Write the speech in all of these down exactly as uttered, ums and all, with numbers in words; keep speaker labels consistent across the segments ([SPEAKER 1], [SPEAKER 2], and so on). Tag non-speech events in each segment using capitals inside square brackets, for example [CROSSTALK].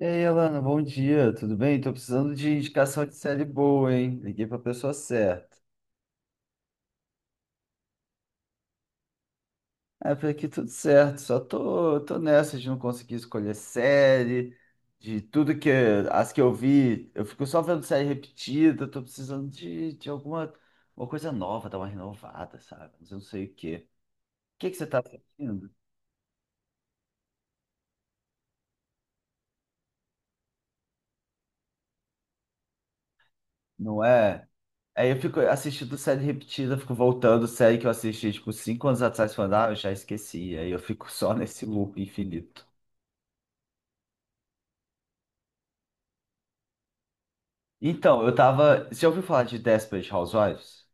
[SPEAKER 1] E aí, Alana, bom dia, tudo bem? Tô precisando de indicação de série boa, hein? Liguei pra pessoa certa. É, por aqui tudo certo, só tô, tô nessa de não conseguir escolher série, de tudo que as que eu vi, eu fico só vendo série repetida, tô precisando de, de alguma uma coisa nova, dar uma renovada, sabe? Mas eu não sei o quê. O que que você tá assistindo? Não é? Aí eu fico assistindo série repetida, fico voltando, série que eu assisti, tipo, cinco anos atrás, falando, ah, eu já esqueci. Aí eu fico só nesse loop infinito. Então, eu tava. Você já ouviu falar de Desperate Housewives?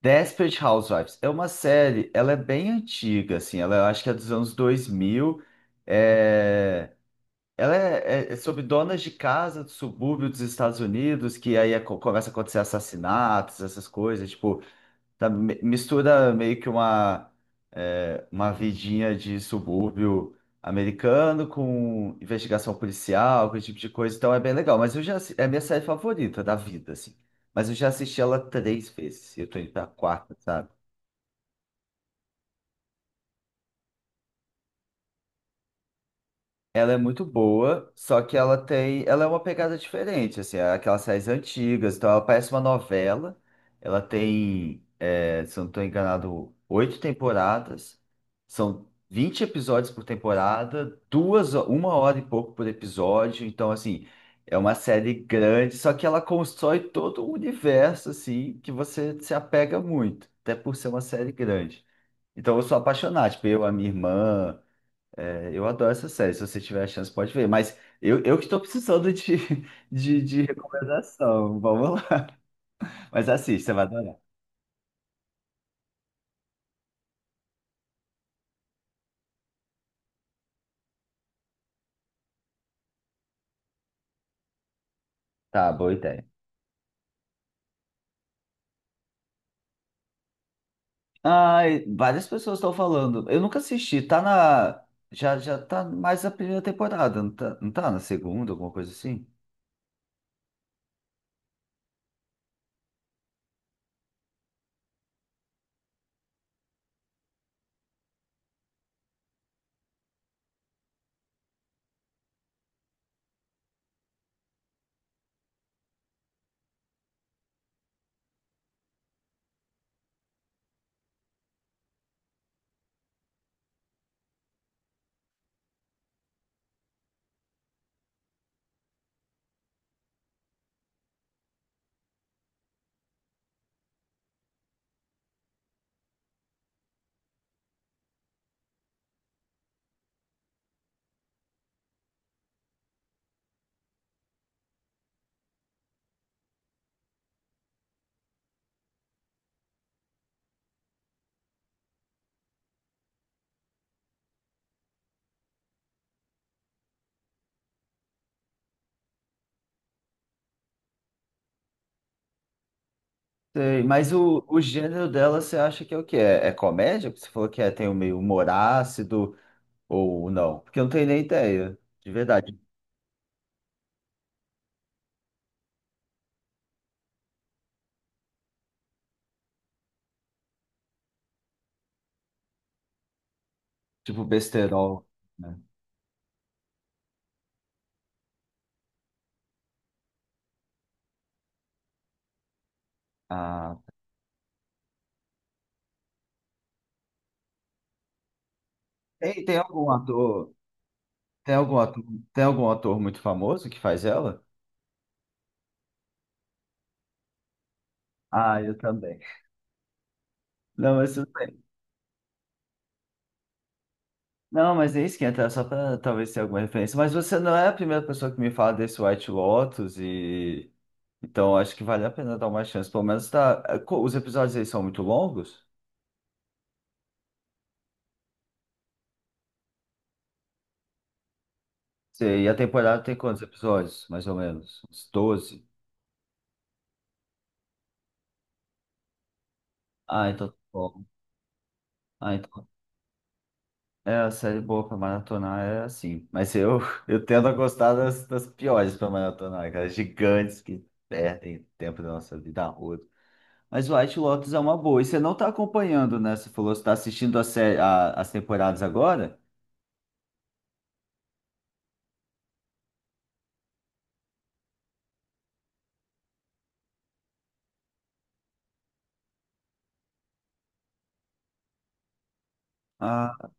[SPEAKER 1] Desperate Housewives é uma série, ela é bem antiga, assim, ela eu acho que é dos anos dois mil. É... Ela é, é- é sobre donas de casa do subúrbio dos Estados Unidos, que aí é co- começa a acontecer assassinatos, essas coisas. Tipo, tá, mi- mistura meio que uma, é, uma vidinha de subúrbio americano com investigação policial, com esse tipo de coisa, então é bem legal. Mas eu já, assi- é a minha série favorita da vida, assim. Mas eu já assisti ela três vezes, eu tô indo pra quarta, sabe? Ela é muito boa, só que ela tem, ela é uma pegada diferente, assim, é aquelas séries antigas, então ela parece uma novela. Ela tem, é, se eu não estou enganado, oito temporadas, são vinte episódios por temporada, duas, ho- uma hora e pouco por episódio, então assim, é uma série grande, só que ela constrói todo um universo assim que você se apega muito, até por ser uma série grande. Então eu sou apaixonado, tipo, eu, a minha irmã. É, eu adoro essa série. Se você tiver a chance, pode ver. Mas eu, eu que estou precisando de, [LAUGHS] de, de recomendação. Vamos lá. Mas assiste, você vai adorar. Tá, boa ideia. Ai, várias pessoas estão falando. Eu nunca assisti. Tá na. Já, já tá mais na primeira temporada, não tá, não tá na segunda, alguma coisa assim? Sei, mas o, o gênero dela você acha que é o quê? É, é comédia? Porque você falou que é, tem o meio humor ácido ou não? Porque eu não tenho nem ideia, de verdade. Tipo besterol, né? Ah. Tem, tem algum ator, tem algum ator, tem algum ator muito famoso que faz ela? Ah, eu também. Não, mas tudo bem. Não, mas é isso que entra, só para talvez ter alguma referência. Mas você não é a primeira pessoa que me fala desse White Lotus e então acho que vale a pena dar uma chance. Pelo menos tá. É, co- os episódios aí são muito longos? Sei, e a temporada tem quantos episódios? Mais ou menos? Uns doze? Ah, então tá bom. Ah, então é, a série boa pra maratonar é assim. Mas eu, [LAUGHS] eu tendo a gostar das, das piores pra maratonar, aquelas gigantes que perdem tempo da nossa vida roda. Mas White Lotus é uma boa. E você não tá acompanhando, né? Você falou que você tá assistindo a série, a- as temporadas agora? Ah,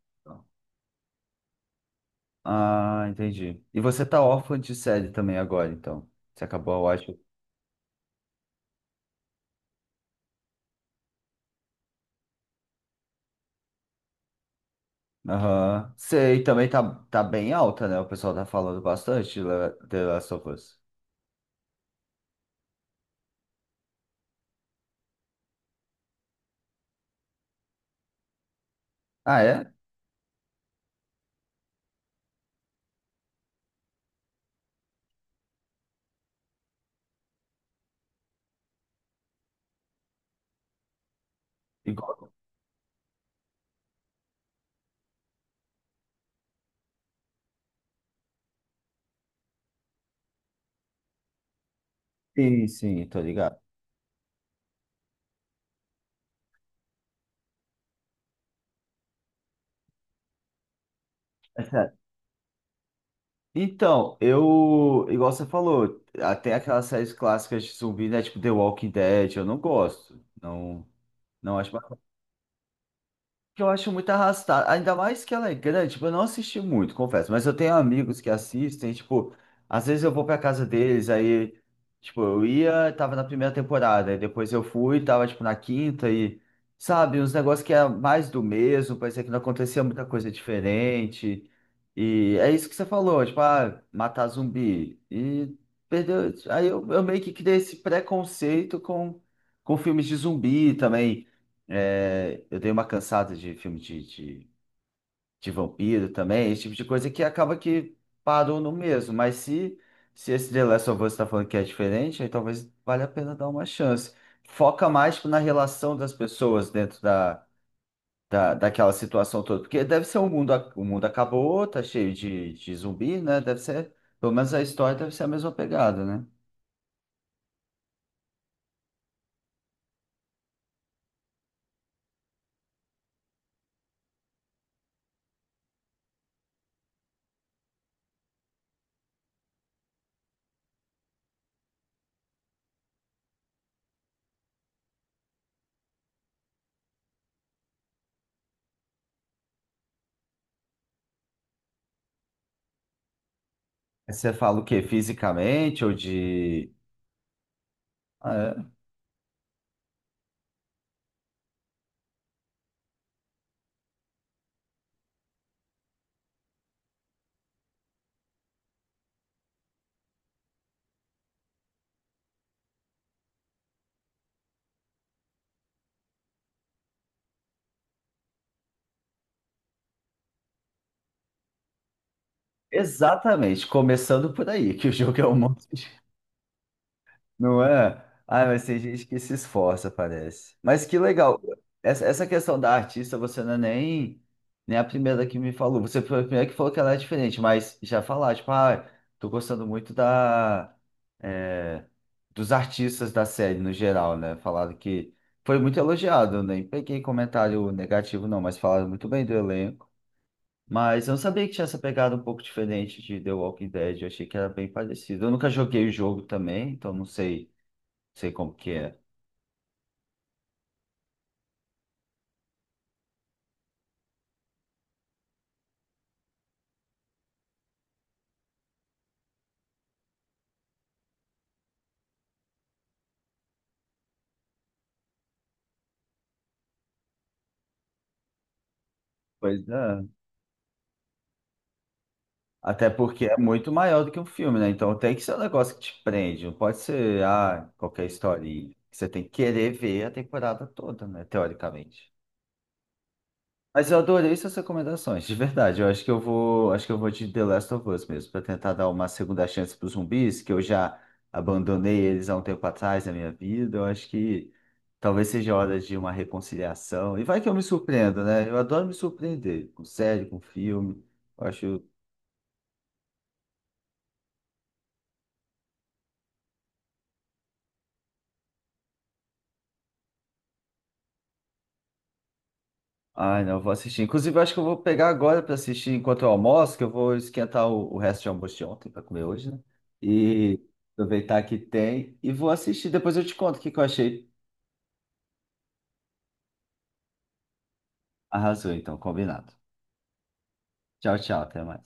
[SPEAKER 1] ah, entendi. E você tá órfã de série também agora, então. Você acabou a White. Aham. Sei, também tá, tá bem alta, né? O pessoal tá falando bastante de La- The Last of Us. Ah, é? Igual. Sim, sim, tô ligado. Então, eu, igual você falou, até aquelas séries clássicas de zumbi, né? Tipo The Walking Dead, eu não gosto. Não, não acho que eu acho muito arrastado. Ainda mais que ela é grande, tipo, eu não assisti muito, confesso, mas eu tenho amigos que assistem, tipo, às vezes eu vou pra casa deles, aí, tipo, eu ia, tava na primeira temporada, aí depois eu fui, tava, tipo, na quinta e, sabe, uns negócios que era mais do mesmo, parecia que não acontecia muita coisa diferente. E é isso que você falou, tipo, ah, matar zumbi. E perdeu. Aí eu, eu meio que criei esse preconceito com, com filmes de zumbi também. É, eu dei uma cansada de filme de, de, de vampiro também, esse tipo de coisa que acaba que parou no mesmo. Mas se, se esse The Last of Us está falando que é diferente, aí talvez valha a pena dar uma chance. Foca mais tipo, na relação das pessoas dentro da, da, daquela situação toda. Porque deve ser o mundo, a- o mundo acabou, tá cheio de, de zumbi, né? Deve ser, pelo menos a história deve ser a mesma pegada, né? Você fala o quê? Fisicamente ou de. Ah, é, exatamente, começando por aí, que o jogo é um monte de... Não é? Ah, mas tem gente que se esforça, parece. Mas que legal. Essa, essa questão da artista, você não é nem, nem a primeira que me falou. Você foi a primeira que falou que ela é diferente, mas já falar, tipo, ah, tô gostando muito da, é, dos artistas da série no geral, né? Falaram que foi muito elogiado, nem peguei comentário negativo, não, mas falaram muito bem do elenco. Mas eu não sabia que tinha essa pegada um pouco diferente de The Walking Dead. Eu achei que era bem parecido. Eu nunca joguei o jogo também, então não sei, sei como que é. Pois é. Até porque é muito maior do que um filme, né? Então tem que ser um negócio que te prende. Não pode ser, ah, qualquer historinha. Você tem que querer ver a temporada toda, né? Teoricamente. Mas eu adorei suas recomendações, de verdade. Eu acho que eu vou, acho que eu vou de The Last of Us mesmo, para tentar dar uma segunda chance para os zumbis, que eu já abandonei eles há um tempo atrás na minha vida. Eu acho que talvez seja hora de uma reconciliação. E vai que eu me surpreendo, né? Eu adoro me surpreender com série, com filme. Eu acho, ai, não, eu vou assistir. Inclusive, eu acho que eu vou pegar agora para assistir enquanto eu almoço, que eu vou esquentar o, o resto de almoço de ontem para comer hoje, né? E aproveitar que tem e vou assistir. Depois eu te conto o que que eu achei. Arrasou, então, combinado. Tchau, tchau, até mais.